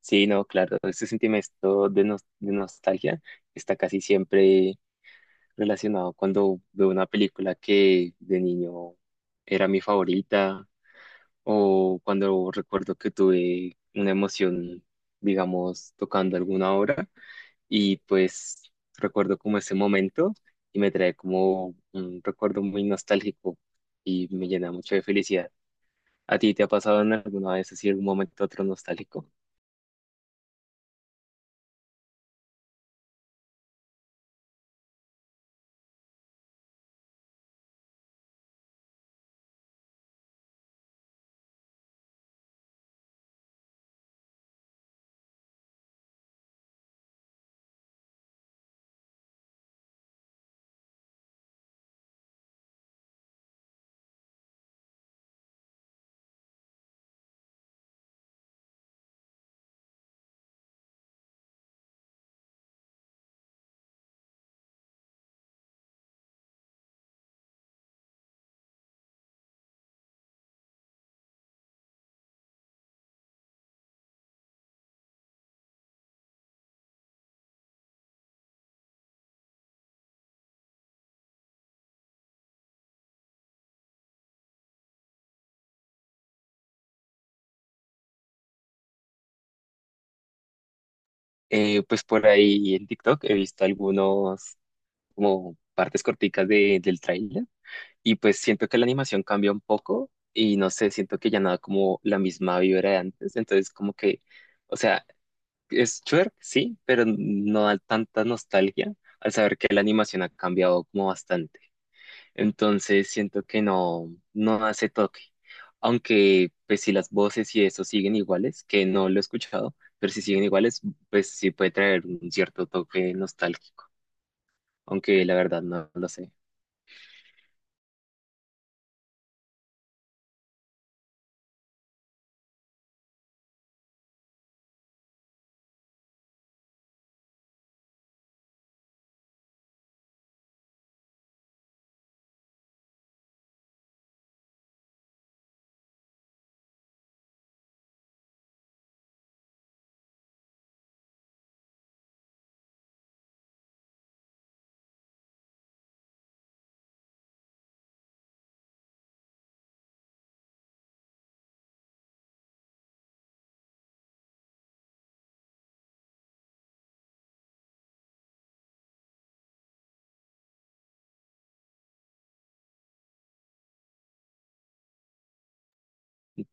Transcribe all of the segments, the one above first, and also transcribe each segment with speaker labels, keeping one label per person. Speaker 1: Sí, no, claro, ese sentimiento de, de nostalgia está casi siempre relacionado cuando veo una película que de niño era mi favorita o cuando recuerdo que tuve una emoción, digamos, tocando alguna obra y pues recuerdo como ese momento y me trae como un recuerdo muy nostálgico y me llena mucho de felicidad. ¿A ti te ha pasado en alguna vez así algún momento otro nostálgico? Pues por ahí en TikTok he visto algunos como partes corticas de, del tráiler y pues siento que la animación cambia un poco y no sé, siento que ya nada como la misma vibra de antes, entonces como que, o sea, es twerk, sí, pero no da tanta nostalgia al saber que la animación ha cambiado como bastante. Entonces siento que no, no hace toque. Aunque, pues si las voces y eso siguen iguales, que no lo he escuchado, pero si siguen iguales, pues sí puede traer un cierto toque nostálgico. Aunque la verdad no lo sé.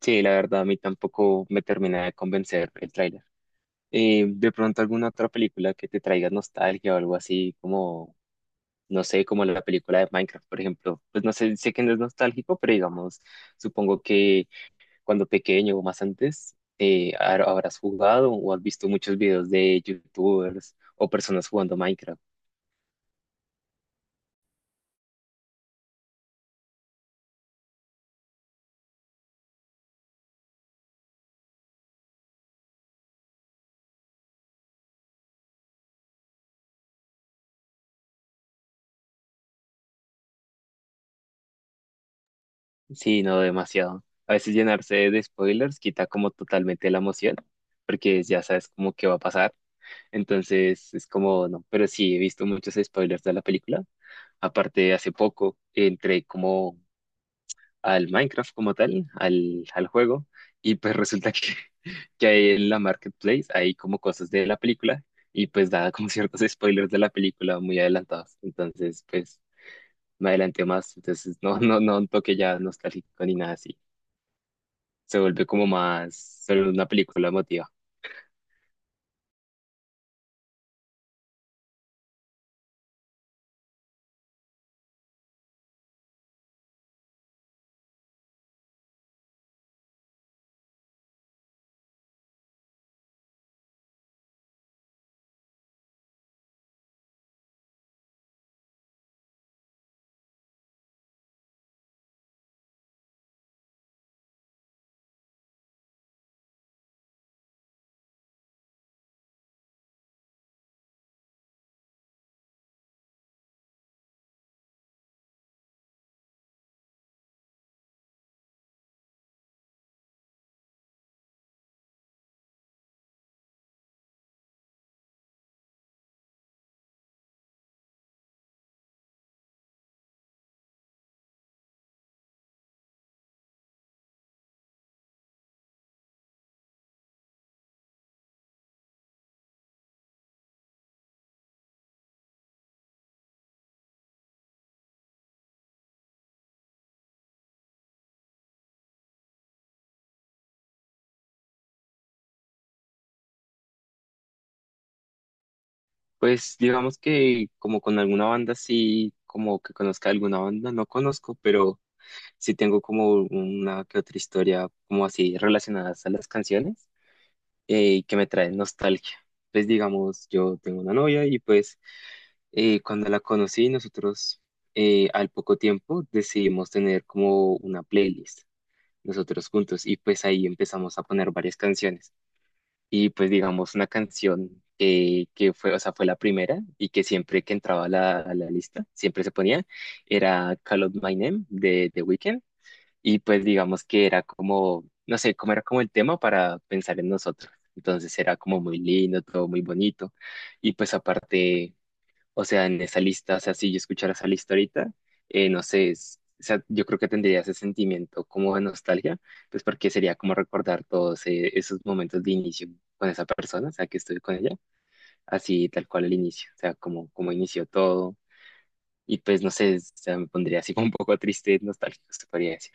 Speaker 1: Sí, la verdad a mí tampoco me termina de convencer el tráiler. De pronto alguna otra película que te traiga nostalgia o algo así, como, no sé, como la película de Minecraft, por ejemplo. Pues no sé, sé que no es nostálgico, pero digamos, supongo que cuando pequeño o más antes, habrás jugado o has visto muchos videos de YouTubers o personas jugando Minecraft. Sí, no demasiado. A veces llenarse de spoilers quita como totalmente la emoción, porque ya sabes como qué va a pasar. Entonces es como, no, pero sí, he visto muchos spoilers de la película. Aparte, hace poco entré como al Minecraft como tal, al juego, y pues resulta que, que ahí en la marketplace hay como cosas de la película y pues daba como ciertos spoilers de la película muy adelantados. Entonces, pues me adelanté más, entonces no, no, no un toque ya nostálgico ni nada así. Se vuelve como más solo una película emotiva. Pues digamos que como con alguna banda sí, como que conozca alguna banda, no conozco, pero sí tengo como una que otra historia como así relacionadas a las canciones y que me trae nostalgia. Pues digamos, yo tengo una novia y pues cuando la conocí nosotros al poco tiempo decidimos tener como una playlist nosotros juntos y pues ahí empezamos a poner varias canciones y pues digamos una canción que fue, o sea, fue la primera y que siempre que entraba a la lista siempre se ponía era Call Out My Name de The Weeknd y pues digamos que era como, no sé, cómo era como el tema para pensar en nosotros. Entonces era como muy lindo, todo muy bonito. Y pues aparte, o sea, en esa lista, o sea, si yo escuchara esa lista ahorita, no sé, o sea, yo creo que tendría ese sentimiento como de nostalgia, pues porque sería como recordar todos esos momentos de inicio con esa persona, o sea, que estuve con ella, así tal cual el inicio, o sea, como, como inició todo. Y pues no sé, o sea, me pondría así como un poco triste, nostálgico, se podría decir.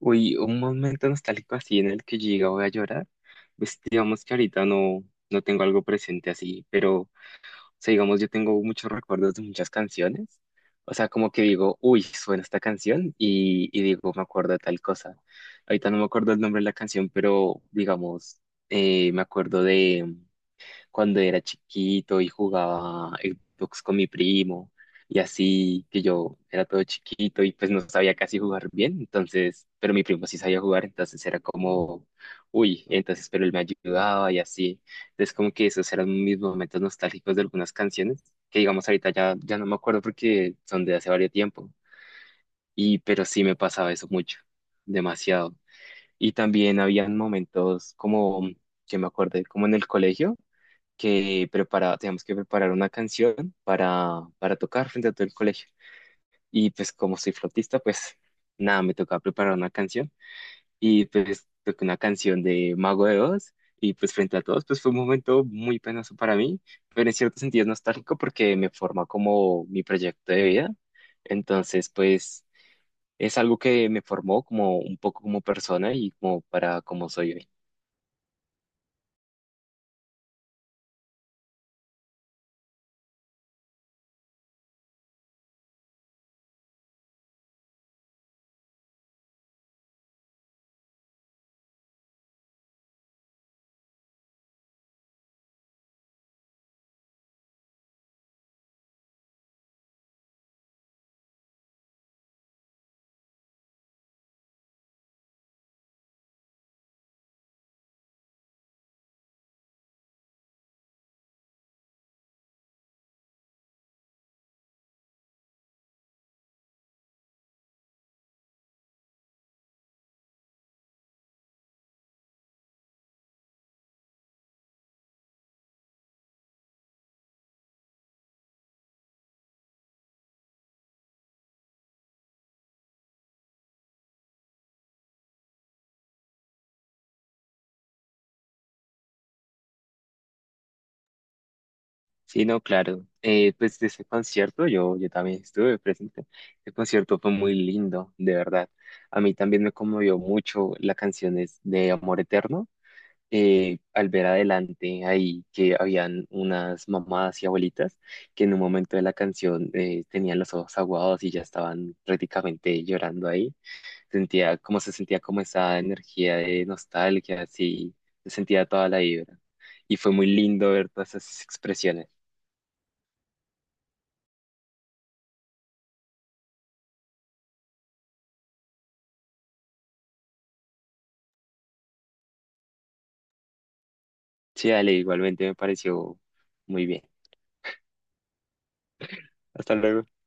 Speaker 1: Uy, un momento nostálgico así en el que yo diga voy a llorar, pues digamos que ahorita no, no tengo algo presente así, pero, o sea, digamos, yo tengo muchos recuerdos de muchas canciones, o sea, como que digo, uy, suena esta canción y digo, me acuerdo de tal cosa. Ahorita no me acuerdo el nombre de la canción, pero, digamos, me acuerdo cuando era chiquito y jugaba Xbox con mi primo y así que yo era todo chiquito y pues no sabía casi jugar bien, entonces, pero mi primo sí sabía jugar, entonces era como, uy, entonces, pero él me ayudaba y así. Entonces como que esos eran mis momentos nostálgicos de algunas canciones, que digamos ahorita ya no me acuerdo porque son de hace varios tiempo, y pero sí me pasaba eso mucho, demasiado. Y también habían momentos como que me acordé, como en el colegio teníamos que preparar una canción para tocar frente a todo el colegio. Y pues como soy flautista, pues nada, me tocaba preparar una canción y pues toqué una canción de Mago de Oz y pues frente a todos, pues fue un momento muy penoso para mí, pero en cierto sentido es nostálgico porque me forma como mi proyecto de vida. Entonces, pues es algo que me formó como un poco como persona y como para como soy hoy. Sí, no, claro. Pues de ese concierto yo también estuve presente. El concierto fue muy lindo, de verdad. A mí también me conmovió mucho la canción es de Amor Eterno. Al ver adelante ahí que habían unas mamás y abuelitas que en un momento de la canción tenían los ojos aguados y ya estaban prácticamente llorando ahí. Sentía como se sentía como esa energía de nostalgia, así, se sentía toda la vibra. Y fue muy lindo ver todas esas expresiones. Sí, dale, igualmente me pareció muy bien. Hasta luego.